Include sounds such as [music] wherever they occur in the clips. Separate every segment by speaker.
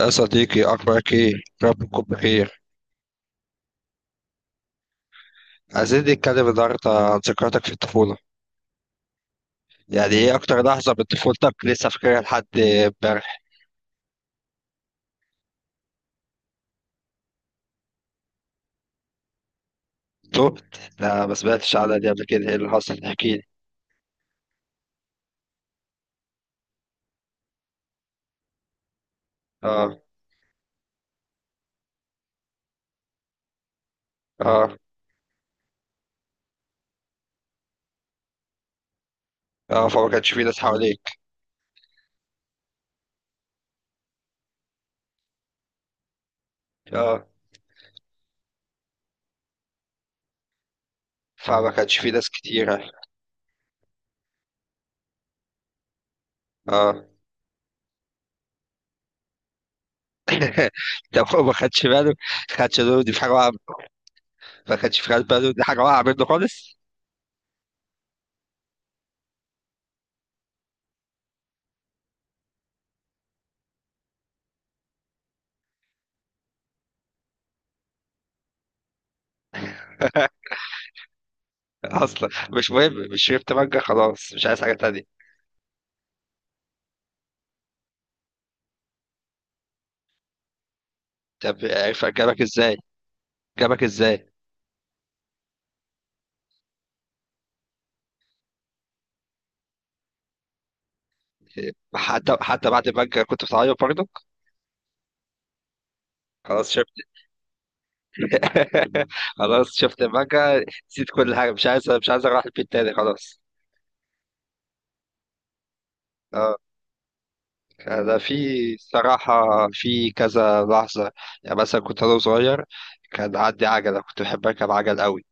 Speaker 1: يا صديقي، أخبارك إيه؟ رب تكون بخير. عايزين نتكلم النهاردة عن ذكرياتك في الطفولة. يعني إيه أكتر لحظة من طفولتك لسه فاكرها لحد إمبارح؟ تهت؟ لا، ما سمعتش عنها دي قبل كده. إيه اللي حصل؟ احكيلي. آه. آه. آه. فما كانش في ناس حواليك. آه، فما كانش في ناس كتيرة. آه. [laughs] طب هو ما خدش باله، دي في حاجة واقعة. ما خدش في باله دي حاجة واقعة منه خالص. [laughs] أصلا مش مهم، مش شربت مانجا خلاص، مش عايز حاجة تانية. طب عرف أجابك إزاي؟ جابك ازاي؟ حتى بعد المانجا كنت بتعيط برضك؟ خلاص شفت خلاص شفت المانجا، نسيت كل حاجه، مش عايز اروح البيت تاني خلاص. اه، ده في الصراحة في كذا لحظة. يعني مثلا كنت أنا صغير، كان عندي عجلة، كنت بحب أركب عجل قوي.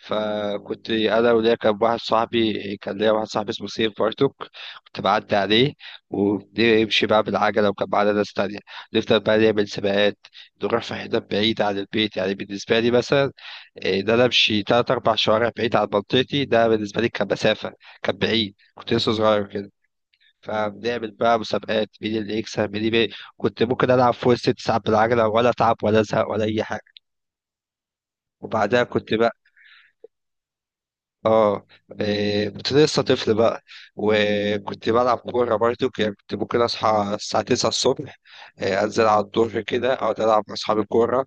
Speaker 1: فكنت أنا وليا، كان ليا واحد صاحبي اسمه سيف بارتوك، كنت بعدي عليه، ونمشي بقى بالعجلة، وكان معانا ناس تانية. نفضل بقى نعمل سباقات، نروح في حتت بعيدة عن البيت، يعني بالنسبة لي مثلا، إيه، إن أنا أمشي تلات أربع شوارع بعيد عن منطقتي، ده بالنسبة لي كان مسافة، كان بعيد، كنت لسه صغير كده. فبنعمل بقى مسابقات، مين اللي يكسب مين اللي. كنت ممكن العب فوق الست ساعات بالعجله، ولا اتعب ولا ازهق ولا اي حاجه. وبعدها كنت بقى، اه إيه، كنت لسه طفل بقى. وكنت بلعب كوره برضو، يعني كنت ممكن اصحى الساعه 9 الصبح، إيه، انزل على الظهر كده، اقعد العب مع اصحابي كوره.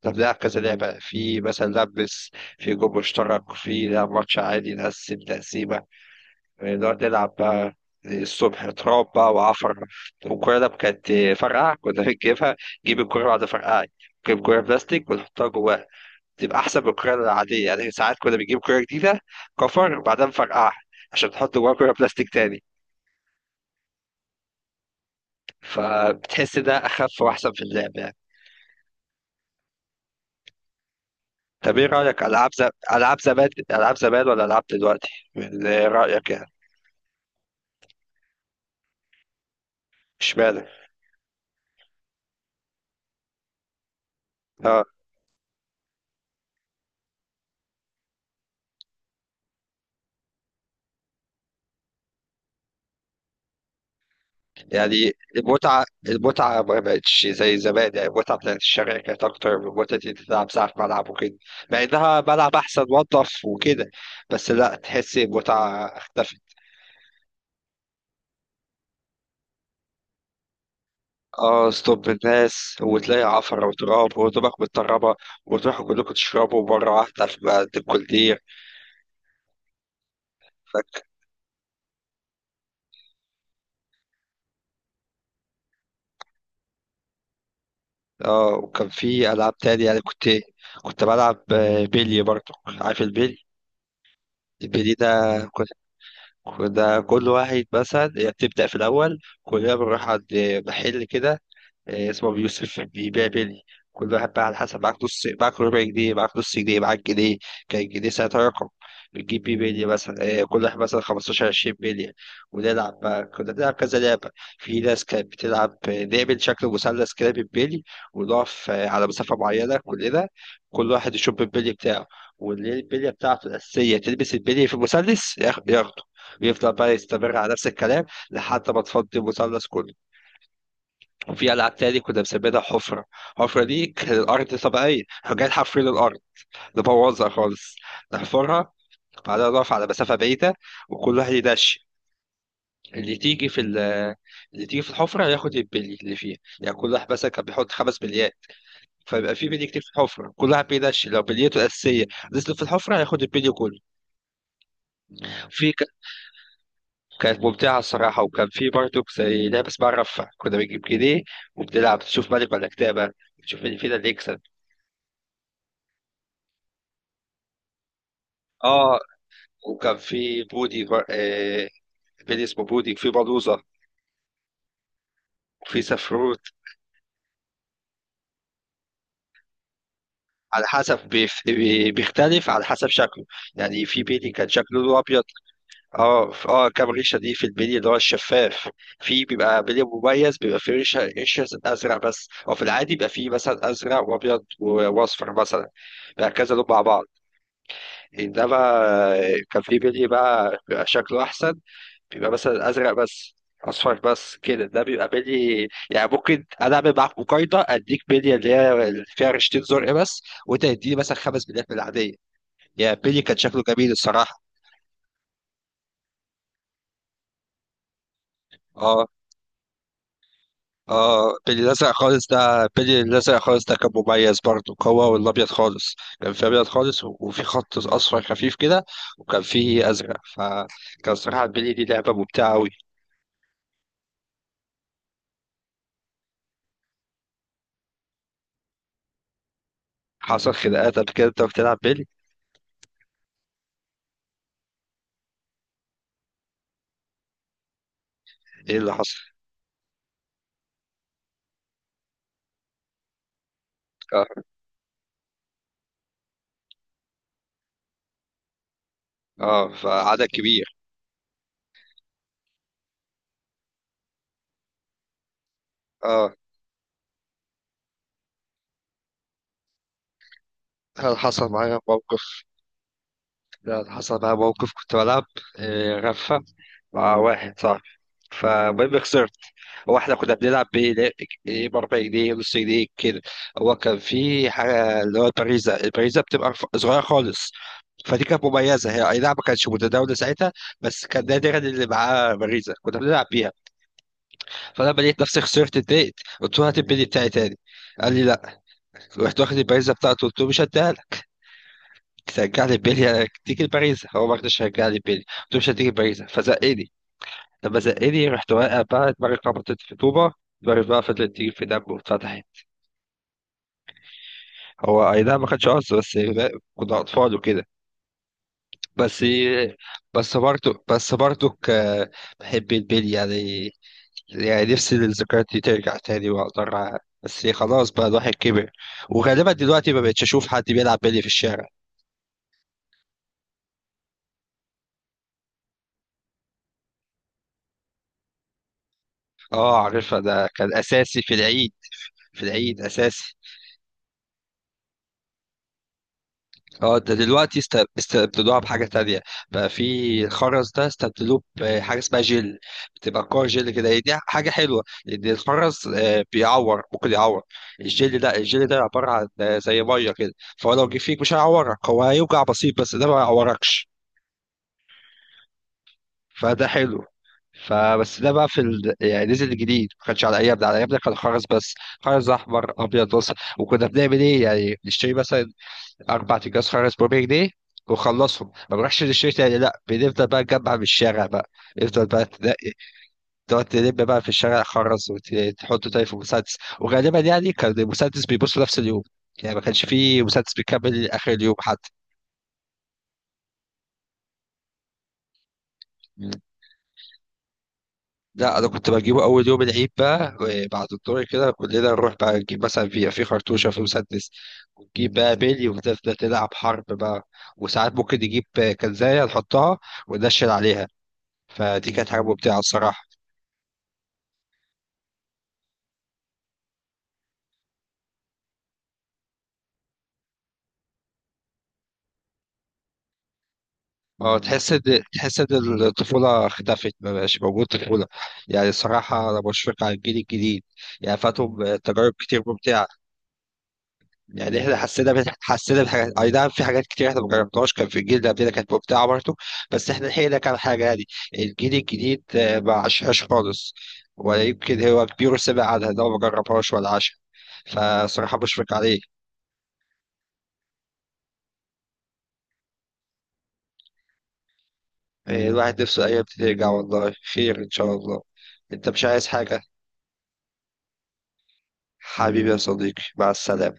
Speaker 1: طب نلعب كذا لعبه، في مثلا لبس، في جول مشترك، في لعب ماتش عادي، نقسم تقسيمه، نقعد نلعب بقى. الصبح تراب بقى وعفر. والكرة ده كانت فرقعة كنا بنجيبها، نجيب الكرة بعد فرقعة، نجيب كرة بلاستيك ونحطها جواها، تبقى أحسن من الكرة العادية. يعني ساعات كنا بنجيب كرة جديدة، كفر، وبعدها نفرقعها عشان تحط جواها كرة بلاستيك تاني، فبتحس ده أخف وأحسن في اللعب يعني. طب إيه رأيك، ألعاب زمان ولا ألعاب دلوقتي؟ من رأيك يعني. اشمعنى؟ آه. يعني المتعة ما بقتش زي زمان، يعني المتعة بتاعت الشارع كانت أكتر من متعة إن أنت تلعب ساعة في ملعب وكده، مع إنها ملعب أحسن وأنضف وكده، بس لأ تحس المتعة اختفت. اه، ستوب الناس، وتلاقي عفرة وتراب وهدومك متطربة، وتروحوا كلكم تشربوا مرة واحدة في عند الكولدير. فك. اه، وكان في ألعاب تاني يعني. كنت، كنت بلعب بيلي. برضه عارف البيلي؟ البيلي ده، وده كل واحد مثلا، هي بتبدأ في الأول كلنا بنروح عند محل كده اسمه أبو يوسف، بيبيع بلي. كل واحد بقى على حسب، معاك نص، معاك ربع جنيه، معاك نص جنيه، معاك جنيه. كان الجنيه ساعتها رقم. بتجيب بيه بلي مثلا كل واحد مثلا 15 20 بلي، ونلعب بقى، كنا بنلعب كذا لعبة. في ناس كانت بتلعب نعمل شكل مثلث كده بالبلي، ونقف على مسافة معينة كلنا. كل واحد يشوف البلي بتاعه، واللي هي البلية بتاعته الأساسية تلبس البلي في المثلث، ياخده، ويفضل بقى يستمر على نفس الكلام لحد ما تفضي المثلث كله. وفي ألعاب تاني كنا بنسميها حفرة، الحفرة دي كانت الأرض طبيعية، كنا جايين حافرين الأرض، نبوظها خالص، نحفرها. بعدها نقف على مسافة بعيدة، وكل واحد يدش. اللي تيجي في ال- اللي تيجي في الحفرة ياخد البلي اللي فيها، يعني كل واحد مثلا كان بيحط خمس بليات، فيبقى في بلي كتير في الحفرة، كل واحد بيدش، لو بليته الأساسية نزلت في الحفرة هياخد البلي كله. في ك- كانت ممتعة الصراحة. وكان في برضه زي لعبة اسمها رفة، كنا بنجيب جنيه، وبنلعب تشوف ملك ولا كتابة، تشوف اللي فينا اللي يكسب. اه، وكان في بودي بر- آه، بيلي اسمه بودي، وفي بلوزة، وفي سفروت، على حسب بيختلف على حسب شكله. يعني في بيلي كان شكله لونه ابيض. اه، كام ريشه دي في البيلي اللي هو الشفاف. في بيبقى بيلي مميز، بيبقى في ريشه ريشه ازرق بس، او في العادي بيبقى في مثلا ازرق وابيض واصفر مثلا، بيبقى كذا لون مع بعض. انما كان في بيلي بقى بيبقى شكله احسن، بيبقى مثلا ازرق بس، اصفر بس كده، ده بيبقى بلي، يعني ممكن انا اعمل معاك مقايضه، اديك بلي اللي هي اللي فيها رشتين زرق بس، وانت تديني مثلا خمس بليات من العاديه. يعني بلي كان شكله جميل الصراحه. اه. اه. بلي الازرق خالص ده كان مميز برضه، هو والابيض خالص، كان في ابيض خالص، وفي خط اصفر خفيف كده، وكان فيه ازرق، فكان صراحه البلي دي لعبه ممتعه قوي. حصل خناقات قبل كده انت بتلعب بلي؟ ايه اللي حصل؟ اه، آه، فعدد كبير. اه. هل حصل معايا موقف هل حصل معايا موقف، كنت بلعب رفة مع واحد صاحبي، فالمهم خسرت. هو احنا كنا بنلعب بايه؟ إيه، ب 4 جنيه، نص جنيه كده. هو كان في حاجه اللي هو البريزه، البريزه بتبقى صغيره خالص، فدي كانت مميزه هي، اي نعم ما كانتش متداوله ساعتها، بس كان نادرا اللي معاه بريزه كنا بنلعب بيها. فلما لقيت نفسي خسرت اتضايقت، قلت له هات البيلي بتاعي تاني، قال لي لا. رحت واخد البريزه بتاعته، قلت له مش هديها، رجع لي بيليا تيجي الباريزا. هو ما رضاش يرجع لي بيليا، قلت له مش هتيجي الباريزا، فزقني. لما زقني رحت واقع بقى، دماغي خبطت في طوبه، دماغي بقى فضلت تيجي في دم واتفتحت. هو اي نعم ما كانش قصدي، بس كنا اطفال وكده. بس بس برضه بحب البيلي يعني. يعني نفسي الذكريات دي ترجع تاني واقدر بس خلاص بقى الواحد كبر، وغالبا دلوقتي ما بقتش اشوف حد بيلعب بيلي في الشارع. اه عارفها، ده كان اساسي في العيد. في العيد اساسي. اه، ده دلوقتي استبدلوها بحاجة تانية، بقى في الخرز ده استبدلوه بحاجة اسمها جل، بتبقى كور جل كده، هي دي حاجة حلوة لأن الخرز بيعور، ممكن يعور. الجل ده عبارة عن زي مية كده، فهو لو جه فيك مش هيعورك، هو هيوجع بسيط بس ده ما يعوركش، فده حلو. فبس ده بقى في يعني نزل جديد، ما كانش على ايامنا، على ايامنا كان خرز بس، خرز احمر ابيض بس. وكنا بنعمل ايه؟ يعني بنشتري مثلا اربع اكياس خرز ب 4 جنيه، وخلصهم ما بروحش للشركه تاني، لا بنفضل بقى نجمع من الشارع بقى، نفضل بقى تنقي، تقعد تلم بقى في الشارع خرز وتحطه تاني في مسدس، وغالبا يعني كان المسدس بيبص نفس اليوم، يعني ما كانش فيه مسدس بيكمل اخر اليوم حتى. مم. لا انا كنت بجيبه اول يوم العيد بقى، بعد الدور كده كلنا نروح بقى نجيب مثلا في خرطوشه في مسدس، ونجيب بقى بيلي، ونفضل نلعب حرب بقى. وساعات ممكن نجيب كنزايه نحطها وننشل عليها، فدي كانت حاجة ممتعة الصراحة. اه، تحس ان الطفولة اختفت، ما بقاش موجود طفولة، يعني الصراحة أنا بشفق على الجيل الجديد، يعني فاتهم تجارب كتير ممتعة. يعني احنا حسينا حسينا بحاجات، أي نعم في حاجات كتير احنا ما جربناش، كان في الجيل ده قبلنا كانت ممتعة برضه، بس احنا لحقنا كام حاجة يعني. الجيل الجديد ما عاشهاش خالص، ولا يمكن هو كبير وسمع عنها، ده هو ما جربهاش ولا عاشها، فصراحة بشفق عليه. الواحد نفسه الأيام دي ترجع، والله خير إن شاء الله. أنت مش عايز حاجة؟ حبيبي يا صديقي، مع السلامة.